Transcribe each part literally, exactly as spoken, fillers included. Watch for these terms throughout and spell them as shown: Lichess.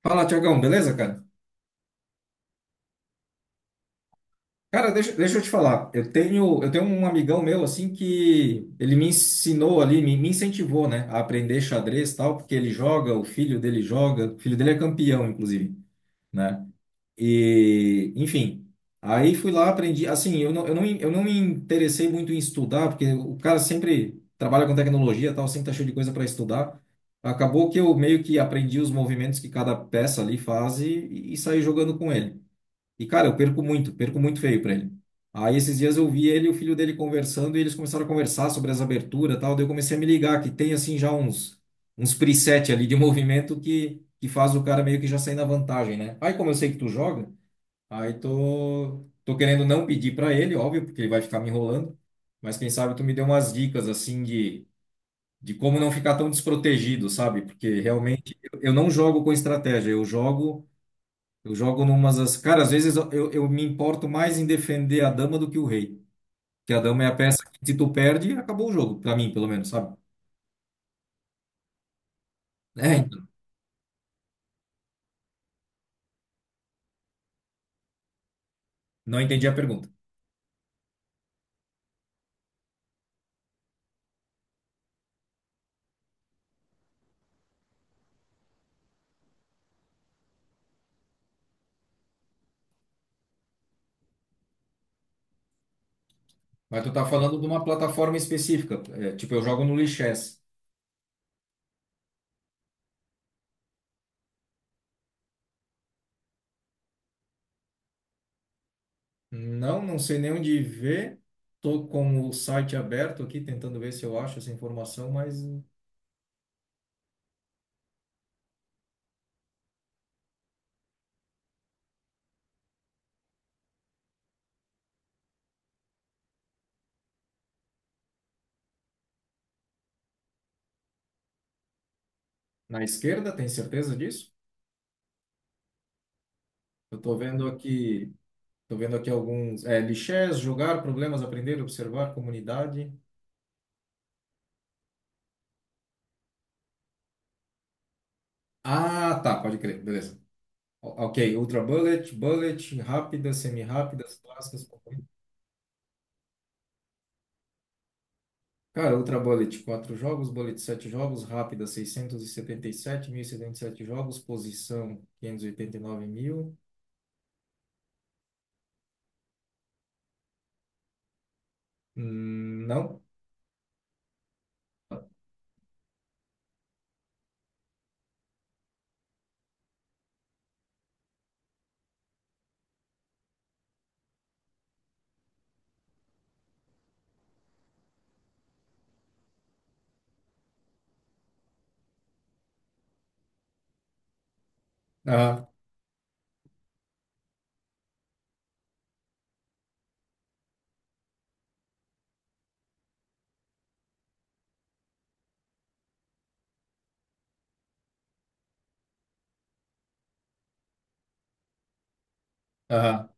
Fala, Tiagão, beleza, cara? Cara, deixa, deixa eu te falar. Eu tenho, eu tenho um amigão meu, assim, que ele me ensinou ali, me, me incentivou, né, a aprender xadrez e tal, porque ele joga, o filho dele joga, o filho dele é campeão, inclusive, né? E, enfim, aí fui lá, aprendi. Assim, eu não, eu não, eu não me interessei muito em estudar, porque o cara sempre trabalha com tecnologia e tal, sempre tá cheio de coisa para estudar. Acabou que eu meio que aprendi os movimentos que cada peça ali faz e, e saí jogando com ele. E, cara, eu perco muito, perco muito feio pra ele. Aí esses dias eu vi ele e o filho dele conversando e eles começaram a conversar sobre as aberturas e tal. Daí eu comecei a me ligar que tem assim já uns, uns preset ali de movimento que, que faz o cara meio que já sair na vantagem, né? Aí como eu sei que tu joga, aí tô, tô querendo não pedir pra ele, óbvio, porque ele vai ficar me enrolando. Mas quem sabe tu me deu umas dicas assim de, de como não ficar tão desprotegido, sabe? Porque realmente eu eu não jogo com estratégia, eu jogo. Eu jogo numas. as- Cara, às vezes eu, eu eu me importo mais em defender a dama do que o rei. Porque a dama é a peça que, se tu perde, acabou o jogo, pra mim, pelo menos, sabe? É, então. Não entendi a pergunta. Mas tu tá falando de uma plataforma específica. É, tipo, eu jogo no Lichess. Não, não sei nem onde ver. Tô com o site aberto aqui, tentando ver se eu acho essa informação, mas na esquerda, tem certeza disso? Eu tô vendo aqui. Tô vendo aqui alguns. É, Lichess, jogar, problemas, aprender, observar, comunidade. Ah, tá, pode crer, beleza. O- Ok, Ultra Bullet, Bullet, rápidas, semi-rápidas, clássicas, favoritas. Cara, Ultra Bullet, quatro jogos, Bullet sete jogos, rápida seiscentos e e e setenta setenta sete mil e setenta e sete jogos, posição quinhentos e oitenta e nove mil. Hum, não? Aham, aham,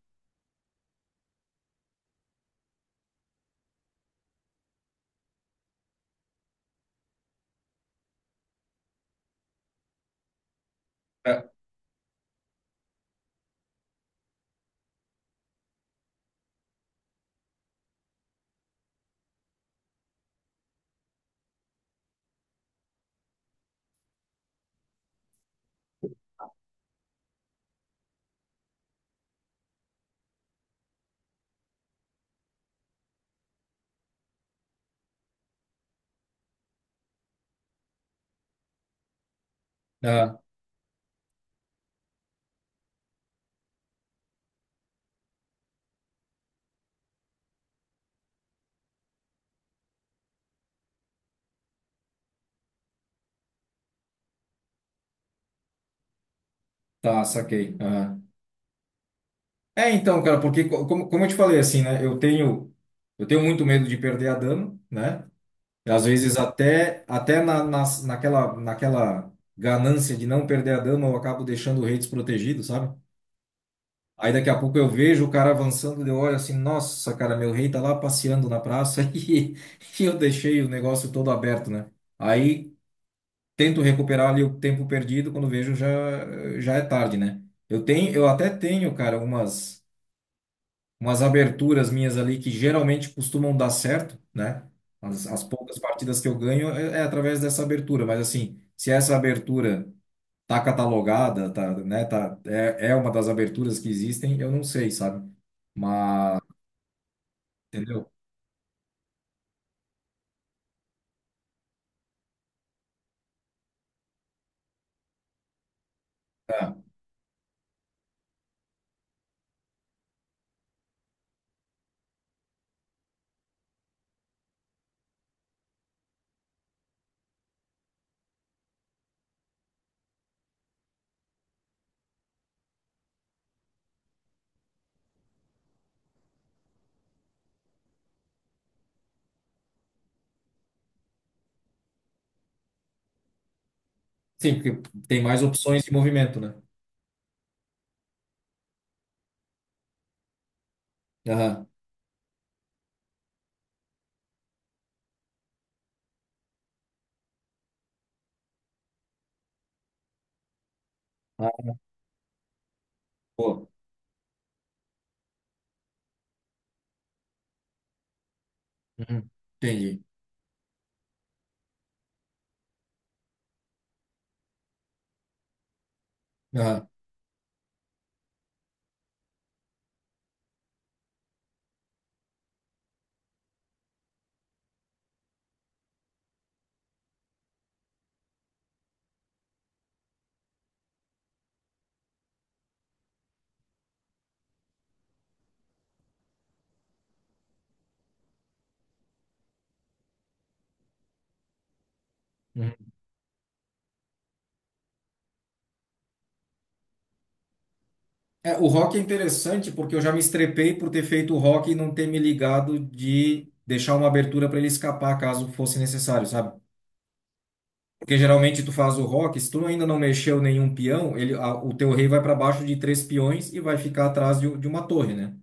ah, ah, tá, saquei. Aham. É, então, cara, porque co- como, como eu te falei, assim, né, eu tenho, eu tenho muito medo de perder a dama, né? Às vezes até até na, nas- naquela naquela ganância de não perder a dama, eu acabo deixando o rei desprotegido, sabe? Aí daqui a pouco eu vejo o cara avançando, eu olho assim, nossa, cara, meu rei tá lá passeando na praça e, e eu deixei o negócio todo aberto, né? Aí tento recuperar ali o tempo perdido, quando vejo já já é tarde, né? Eu tenho, eu até tenho, cara, umas umas aberturas minhas ali que geralmente costumam dar certo, né? As, as, uhum, poucas partidas que eu ganho é, é através dessa abertura, mas assim, se essa abertura tá catalogada, tá, né, tá, é, é uma das aberturas que existem, eu não sei, sabe? Mas, entendeu? É. Sim, porque tem mais opções de movimento, né? Aham. Ah, boa. Uhum. Entendi. Aham. Uhum. É, o rock é interessante porque eu já me estrepei por ter feito o rock e não ter me ligado de deixar uma abertura para ele escapar caso fosse necessário, sabe? Porque geralmente tu faz o rock, se tu ainda não mexeu nenhum peão, ele, a- o teu rei vai para baixo de três peões e vai ficar atrás de, de uma torre, né?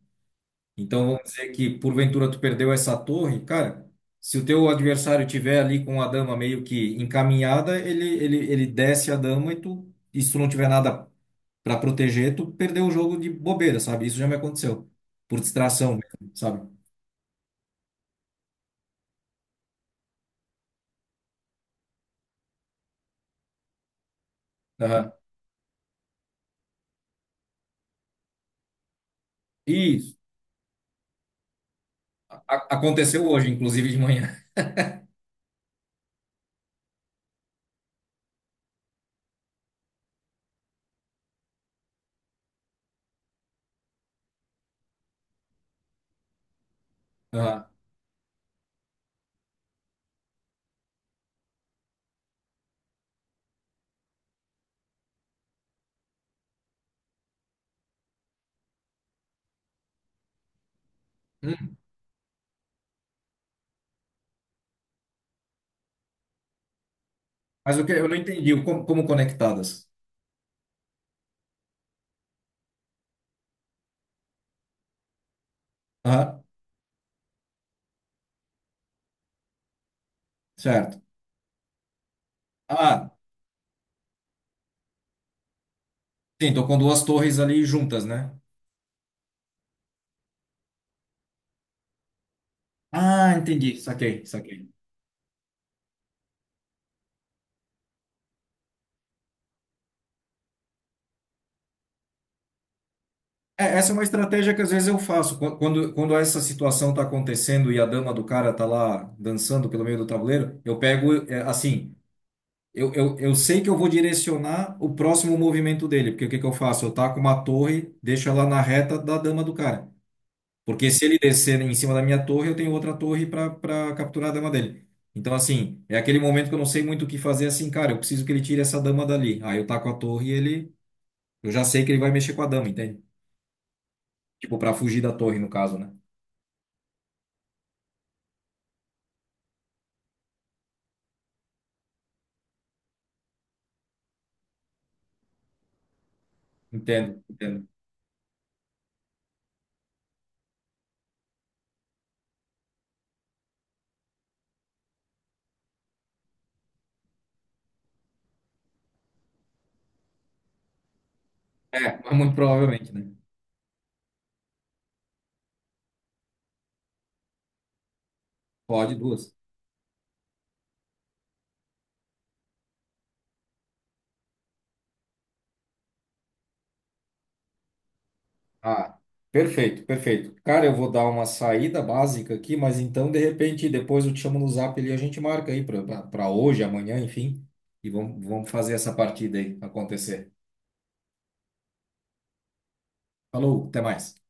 Então vamos dizer que porventura tu perdeu essa torre, cara, se o teu adversário tiver ali com a dama meio que encaminhada, ele, ele, ele desce a dama e tu, e se tu não tiver nada para proteger, tu perdeu o jogo de bobeira, sabe? Isso já me aconteceu. Por distração, mesmo, sabe? Aham. E isso a- aconteceu hoje, inclusive de manhã. Aham. Hum. Mas o que eu não entendi, o como, como conectadas? Aham. Certo. Ah, sim, tô com duas torres ali juntas, né? Ah, entendi. Saquei, saquei. É, essa é uma estratégia que às vezes eu faço. Qu- Quando, quando essa situação tá acontecendo e a dama do cara tá lá dançando pelo meio do tabuleiro, eu pego, é, assim, Eu, eu, eu sei que eu vou direcionar o próximo movimento dele, porque o que que eu faço? Eu taco uma torre, deixo ela na reta da dama do cara. Porque se ele descer em cima da minha torre, eu tenho outra torre para para capturar a dama dele. Então, assim, é aquele momento que eu não sei muito o que fazer, assim, cara, eu preciso que ele tire essa dama dali. Aí eu taco a torre e ele. Eu já sei que ele vai mexer com a dama, entende? Tipo, para fugir da torre, no caso, né? Entendo, entendo. É, mas muito provavelmente, né? Pode duas. Ah, perfeito, perfeito. Cara, eu vou dar uma saída básica aqui, mas então, de repente, depois eu te chamo no Zap ali e a gente marca aí para hoje, amanhã, enfim, e vamos, vamos fazer essa partida aí acontecer. Falou, até mais.